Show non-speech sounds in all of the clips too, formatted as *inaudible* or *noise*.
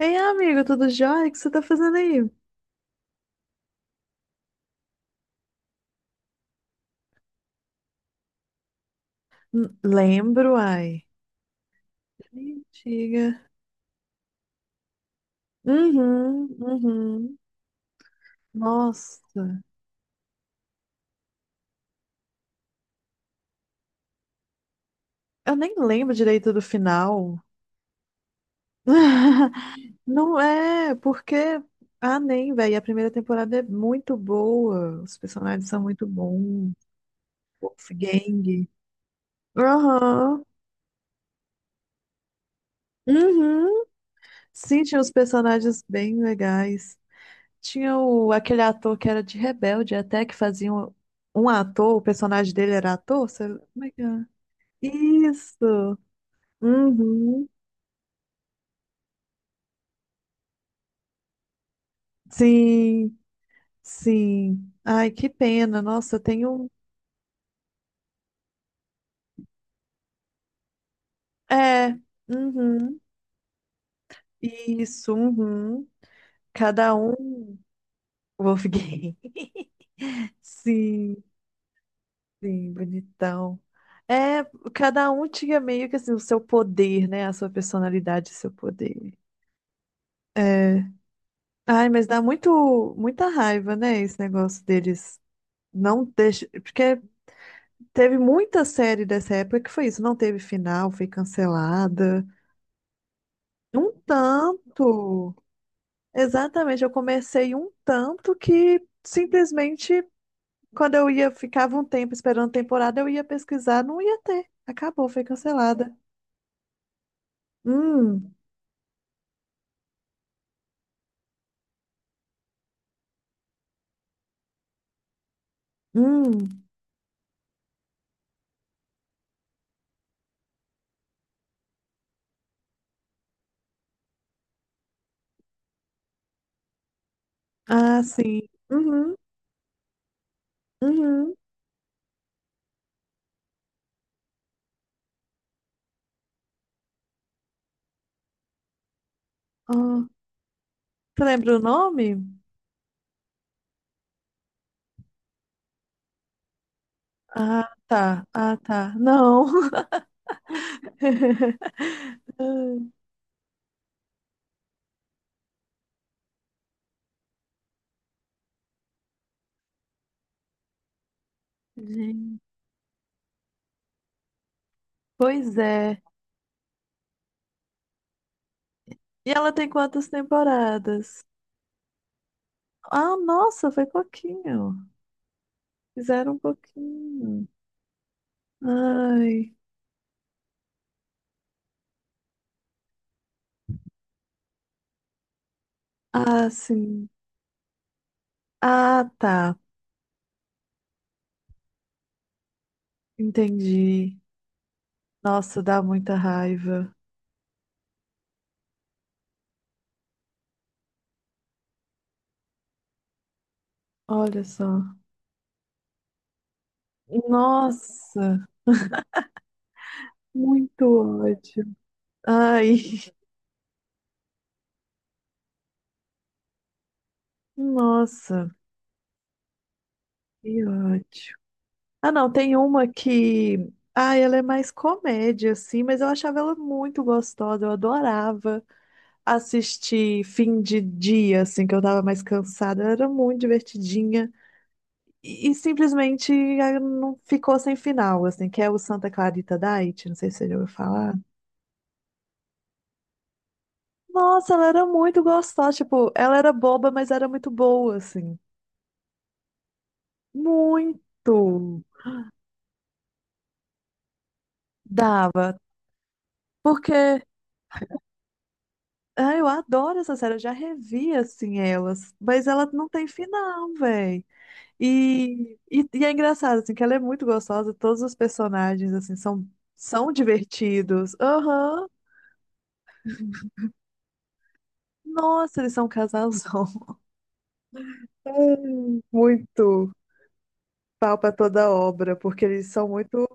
Ei, amigo, tudo jóia? O que você tá fazendo aí? Lembro, ai. Antiga. Uhum, uhum. Nossa, eu nem lembro direito do final. *laughs* Não é, porque. Ah, nem, velho. A primeira temporada é muito boa. Os personagens são muito bons. Wolfgang. Aham. Uhum. Sim, tinha os personagens bem legais. Tinha o, aquele ator que era de Rebelde, até que fazia um, um ator, o personagem dele era ator, como é que é? Isso! Uhum. Sim, sim. Ai, que pena. Nossa, eu tenho. É, uhum. Isso, uhum. Cada um. Wolfgang. *laughs* Sim, sim, bonitão. É, cada um tinha meio que assim, o seu poder, né? A sua personalidade, o seu poder. É. Ai, mas dá muito, muita raiva, né, esse negócio deles não deixa, porque teve muita série dessa época que foi isso, não teve final, foi cancelada. Um tanto. Exatamente, eu comecei um tanto que simplesmente quando eu ia, ficava um tempo esperando temporada, eu ia pesquisar, não ia ter. Acabou, foi cancelada. Hum, hum. Ah, sim. Uhum, uhum. Ah, você lembra o nome? Ah, tá. Ah, tá. Não. Ai, gente, pois é. E ela tem quantas temporadas? Ah, nossa, foi pouquinho. Fizeram um pouquinho. Ai. Ah, sim. Ah, tá. Entendi. Nossa, dá muita raiva. Olha só. Nossa, muito ódio. Ai, *laughs* nossa, que ódio. Ah, não, tem uma que. Ah, ela é mais comédia, assim, mas eu achava ela muito gostosa, eu adorava assistir fim de dia, assim, que eu tava mais cansada. Era muito divertidinha. E simplesmente ah, não ficou sem final, assim, que é o Santa Clarita Diet, não sei se você já ouviu falar. Nossa, ela era muito gostosa, tipo, ela era boba, mas era muito boa, assim. Muito dava, porque ah, eu adoro essa série, eu já revi, assim, elas, mas ela não tem final, véi. E é engraçado, assim, que ela é muito gostosa, todos os personagens, assim, são, são divertidos. Aham. Nossa, eles são um casalzão. *laughs* Ai, muito pau pra toda obra, porque eles são muito...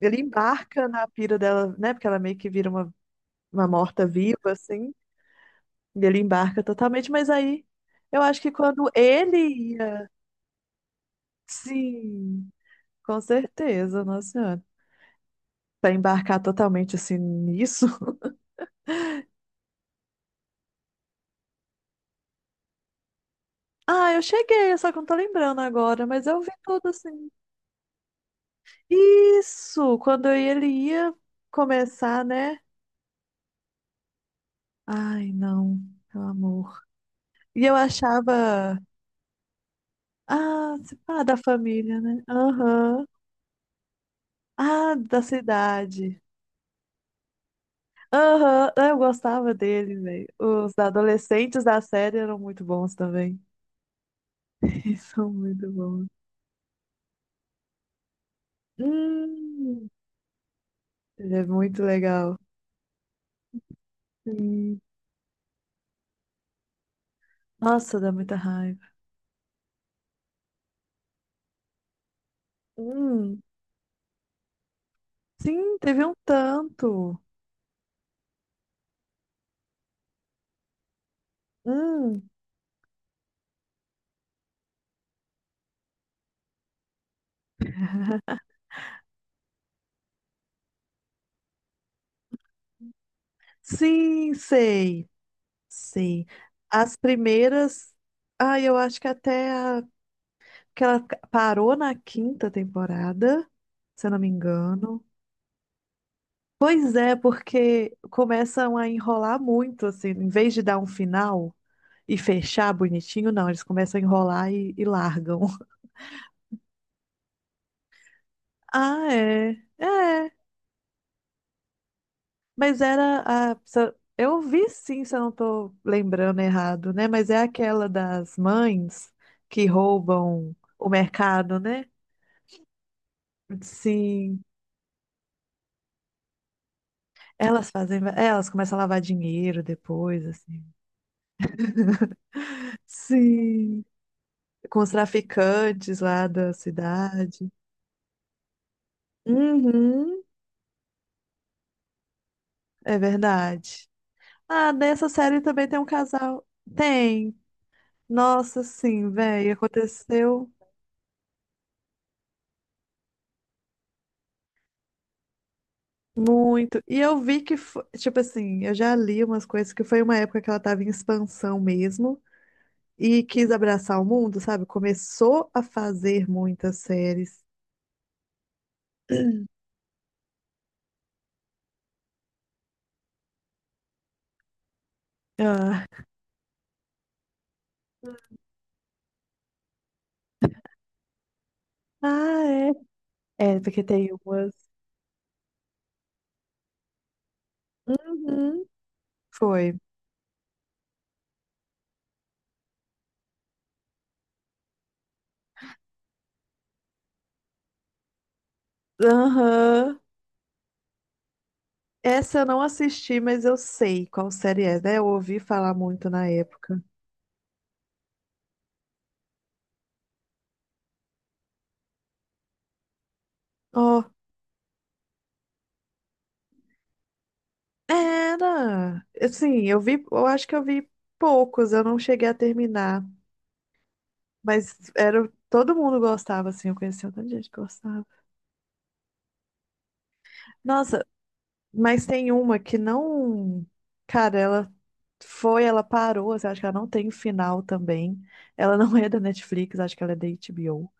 Ele embarca na pira dela, né? Porque ela meio que vira uma morta-viva, assim. E ele embarca totalmente, mas aí eu acho que quando ele ia... Sim, com certeza, nossa senhora. Pra embarcar totalmente, assim, nisso... Ah, eu cheguei, só que eu não tô lembrando agora, mas eu vi tudo assim. Isso! Quando ele ia começar, né? Ai, não, meu amor. E eu achava. Ah, ah, da família, né? Aham. Ah, da cidade. Aham. Ah, eu gostava dele, velho. Os adolescentes da série eram muito bons também. *laughs* Eles são muito bons. Hum, ele é muito legal. Sim. Nossa, dá muita raiva. Hum. Sim, teve um tanto. Hum, sim, sei. Sim. As primeiras. Ah, eu acho que até a... que ela parou na quinta temporada, se eu não me engano. Pois é, porque começam a enrolar muito, assim, em vez de dar um final e fechar bonitinho, não, eles começam a enrolar e largam. *laughs* Ah, é. É. Mas era a. se Eu vi sim, se eu não tô lembrando errado, né? Mas é aquela das mães que roubam o mercado, né? Sim. Elas fazem. É, elas começam a lavar dinheiro depois, assim. *laughs* Sim. Com os traficantes lá da cidade. Uhum, é verdade. Ah, nessa série também tem um casal. Tem. Nossa, sim, velho. Aconteceu. Muito. E eu vi que, tipo assim, eu já li umas coisas que foi uma época que ela tava em expansão mesmo e quis abraçar o mundo, sabe? Começou a fazer muitas séries. *clears throat* Ah, ah, é. É, porque tem umas. Uhum. Foi. Aham. Essa eu não assisti, mas eu sei qual série é, né? Eu ouvi falar muito na época. Ó, era. Assim, eu vi, eu acho que eu vi poucos, eu não cheguei a terminar. Mas era, todo mundo gostava, assim, eu conhecia um tanto de gente que gostava. Nossa, mas tem uma que não. Cara, ela foi, ela parou, assim, acho que ela não tem final também. Ela não é da Netflix, acho que ela é da HBO.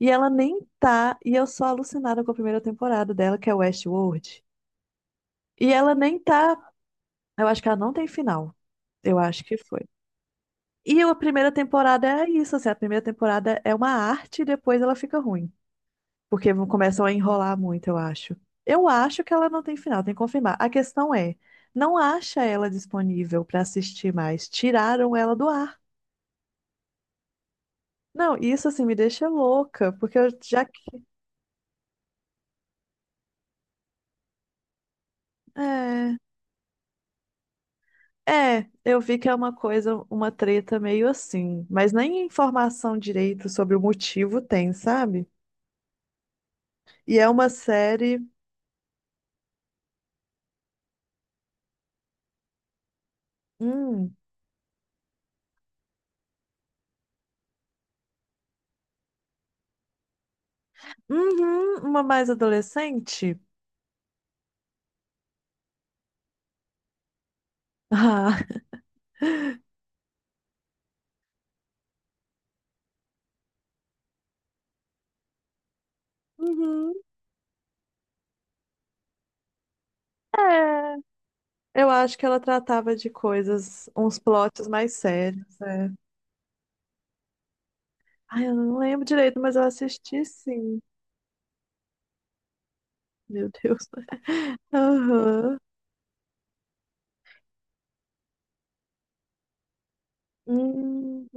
E ela nem tá, e eu sou alucinada com a 1ª temporada dela, que é Westworld. E ela nem tá, eu acho que ela não tem final. Eu acho que foi. E a primeira temporada é isso, assim, a primeira temporada é uma arte e depois ela fica ruim. Porque começam a enrolar muito, eu acho. Eu acho que ela não tem final, tem que confirmar. A questão é, não acha ela disponível para assistir mais. Tiraram ela do ar. Não, isso assim me deixa louca, porque eu já. É, é, eu vi que é uma coisa, uma treta meio assim, mas nem informação direito sobre o motivo tem, sabe? E é uma série. Hum, uhum, uma mais adolescente? *laughs* Ah, uhum, é. Eu acho que ela tratava de coisas, uns plots mais sérios. É. Ai, eu não lembro direito, mas eu assisti sim. Meu Deus. *laughs* Aham. Uhum.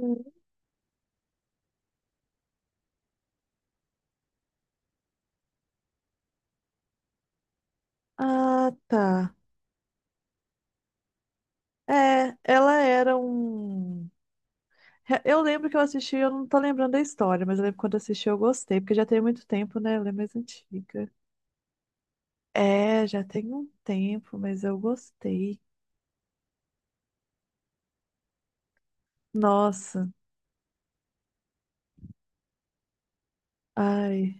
Ah, tá. É, ela era um. Eu lembro que eu assisti, eu não tô lembrando da história, mas eu lembro que quando eu assisti eu gostei, porque já tem muito tempo, né? Ela é mais antiga. É, já tem um tempo, mas eu gostei. Nossa, ai.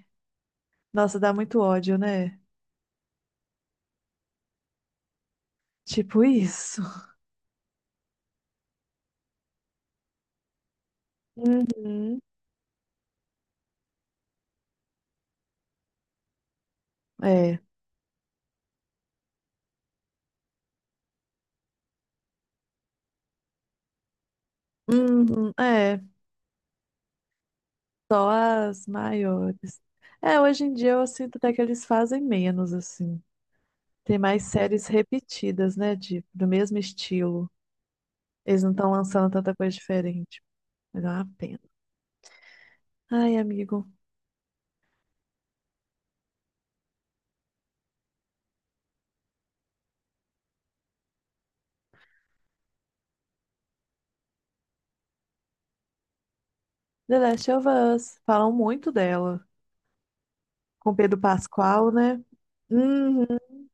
Nossa, dá muito ódio, né? Tipo isso. Uhum, é. Uhum, é. Só as maiores. É, hoje em dia eu sinto até que eles fazem menos, assim. Tem mais séries repetidas, né? De, do mesmo estilo. Eles não estão lançando tanta coisa diferente. Mas é uma pena. Ai, amigo. The Last of Us. Falam muito dela. Com Pedro Pascal, né? Uhum,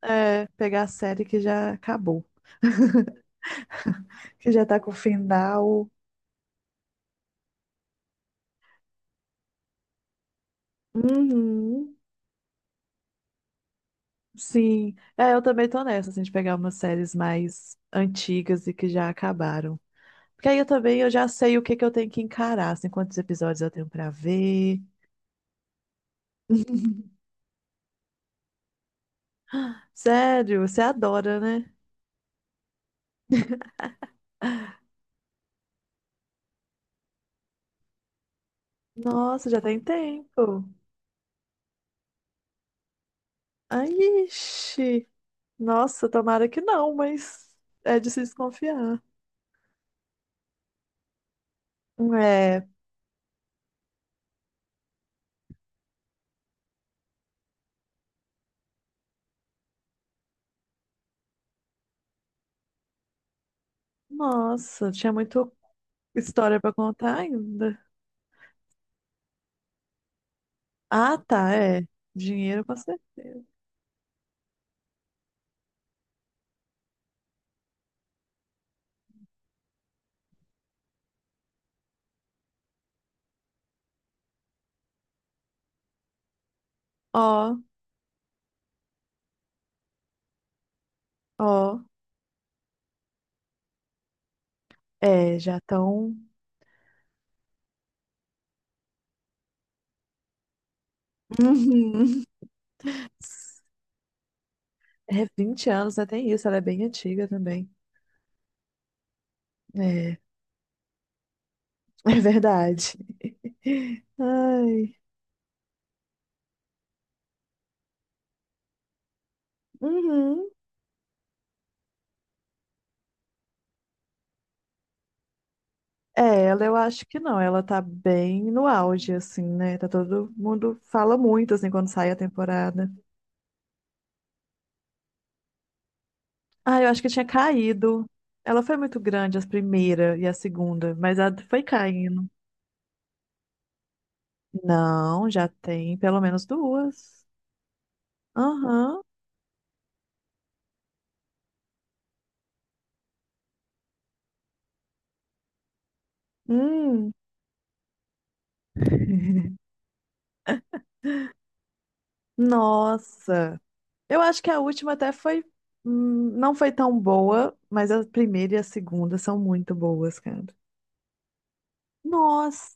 é. Pegar a série que já acabou. *laughs* Que já tá com o final. Uhum. Sim, é, eu também tô nessa, assim, de pegar umas séries mais antigas e que já acabaram. Porque aí eu também eu já sei o que que eu tenho que encarar, assim, quantos episódios eu tenho pra ver. *laughs* Sério, você adora, né? Nossa, já tem tempo. Ai, ixi. Nossa, tomara que não, mas é de se desconfiar. É, nossa, tinha muita história pra contar ainda. Ah, tá, é. Dinheiro com certeza. Ó, ó. É, já estão. Uhum. *laughs* É 20 anos, até isso, ela é bem antiga também. É, *laughs* é verdade. Ai. Uhum. É, ela eu acho que não, ela tá bem no auge, assim, né? Tá todo mundo fala muito, assim, quando sai a temporada. Ah, eu acho que tinha caído. Ela foi muito grande, a primeira e a segunda, mas ela foi caindo. Não, já tem pelo menos duas. Aham. Hum. *laughs* Nossa. Eu acho que a última até foi. Hum, não foi tão boa, mas a primeira e a segunda são muito boas, cara. Nossa!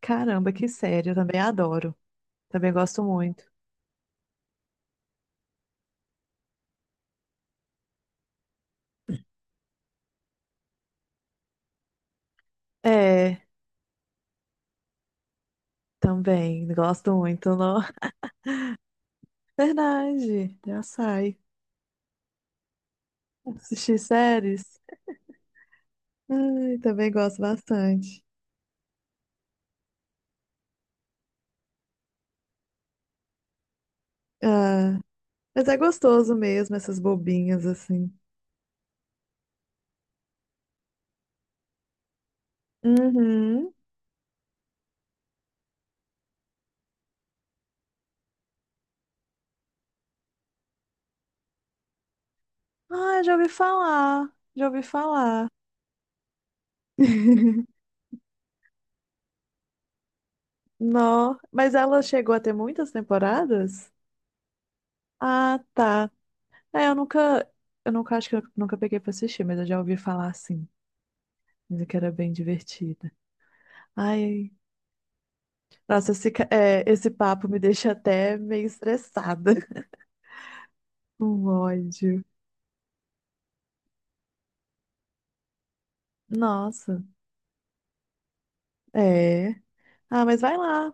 Caramba, que série. Eu também adoro. Também gosto muito. É, também. Gosto muito. Não? *laughs* Verdade. Já sai. Assistir séries. Ai, também gosto bastante. Ah, mas é gostoso mesmo, essas bobinhas assim. Uhum. Ah, já ouvi falar. Já ouvi falar. *laughs* Não, mas ela chegou a ter muitas temporadas? Ah, tá. É, eu nunca acho que eu nunca peguei pra assistir, mas eu já ouvi falar assim, dizem que era bem divertida. Ai, nossa, esse, é, esse papo me deixa até meio estressada. *laughs* Um ódio. Nossa, é. Ah, mas vai lá.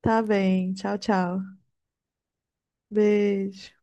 Tá bem. Tchau, tchau. Beijo.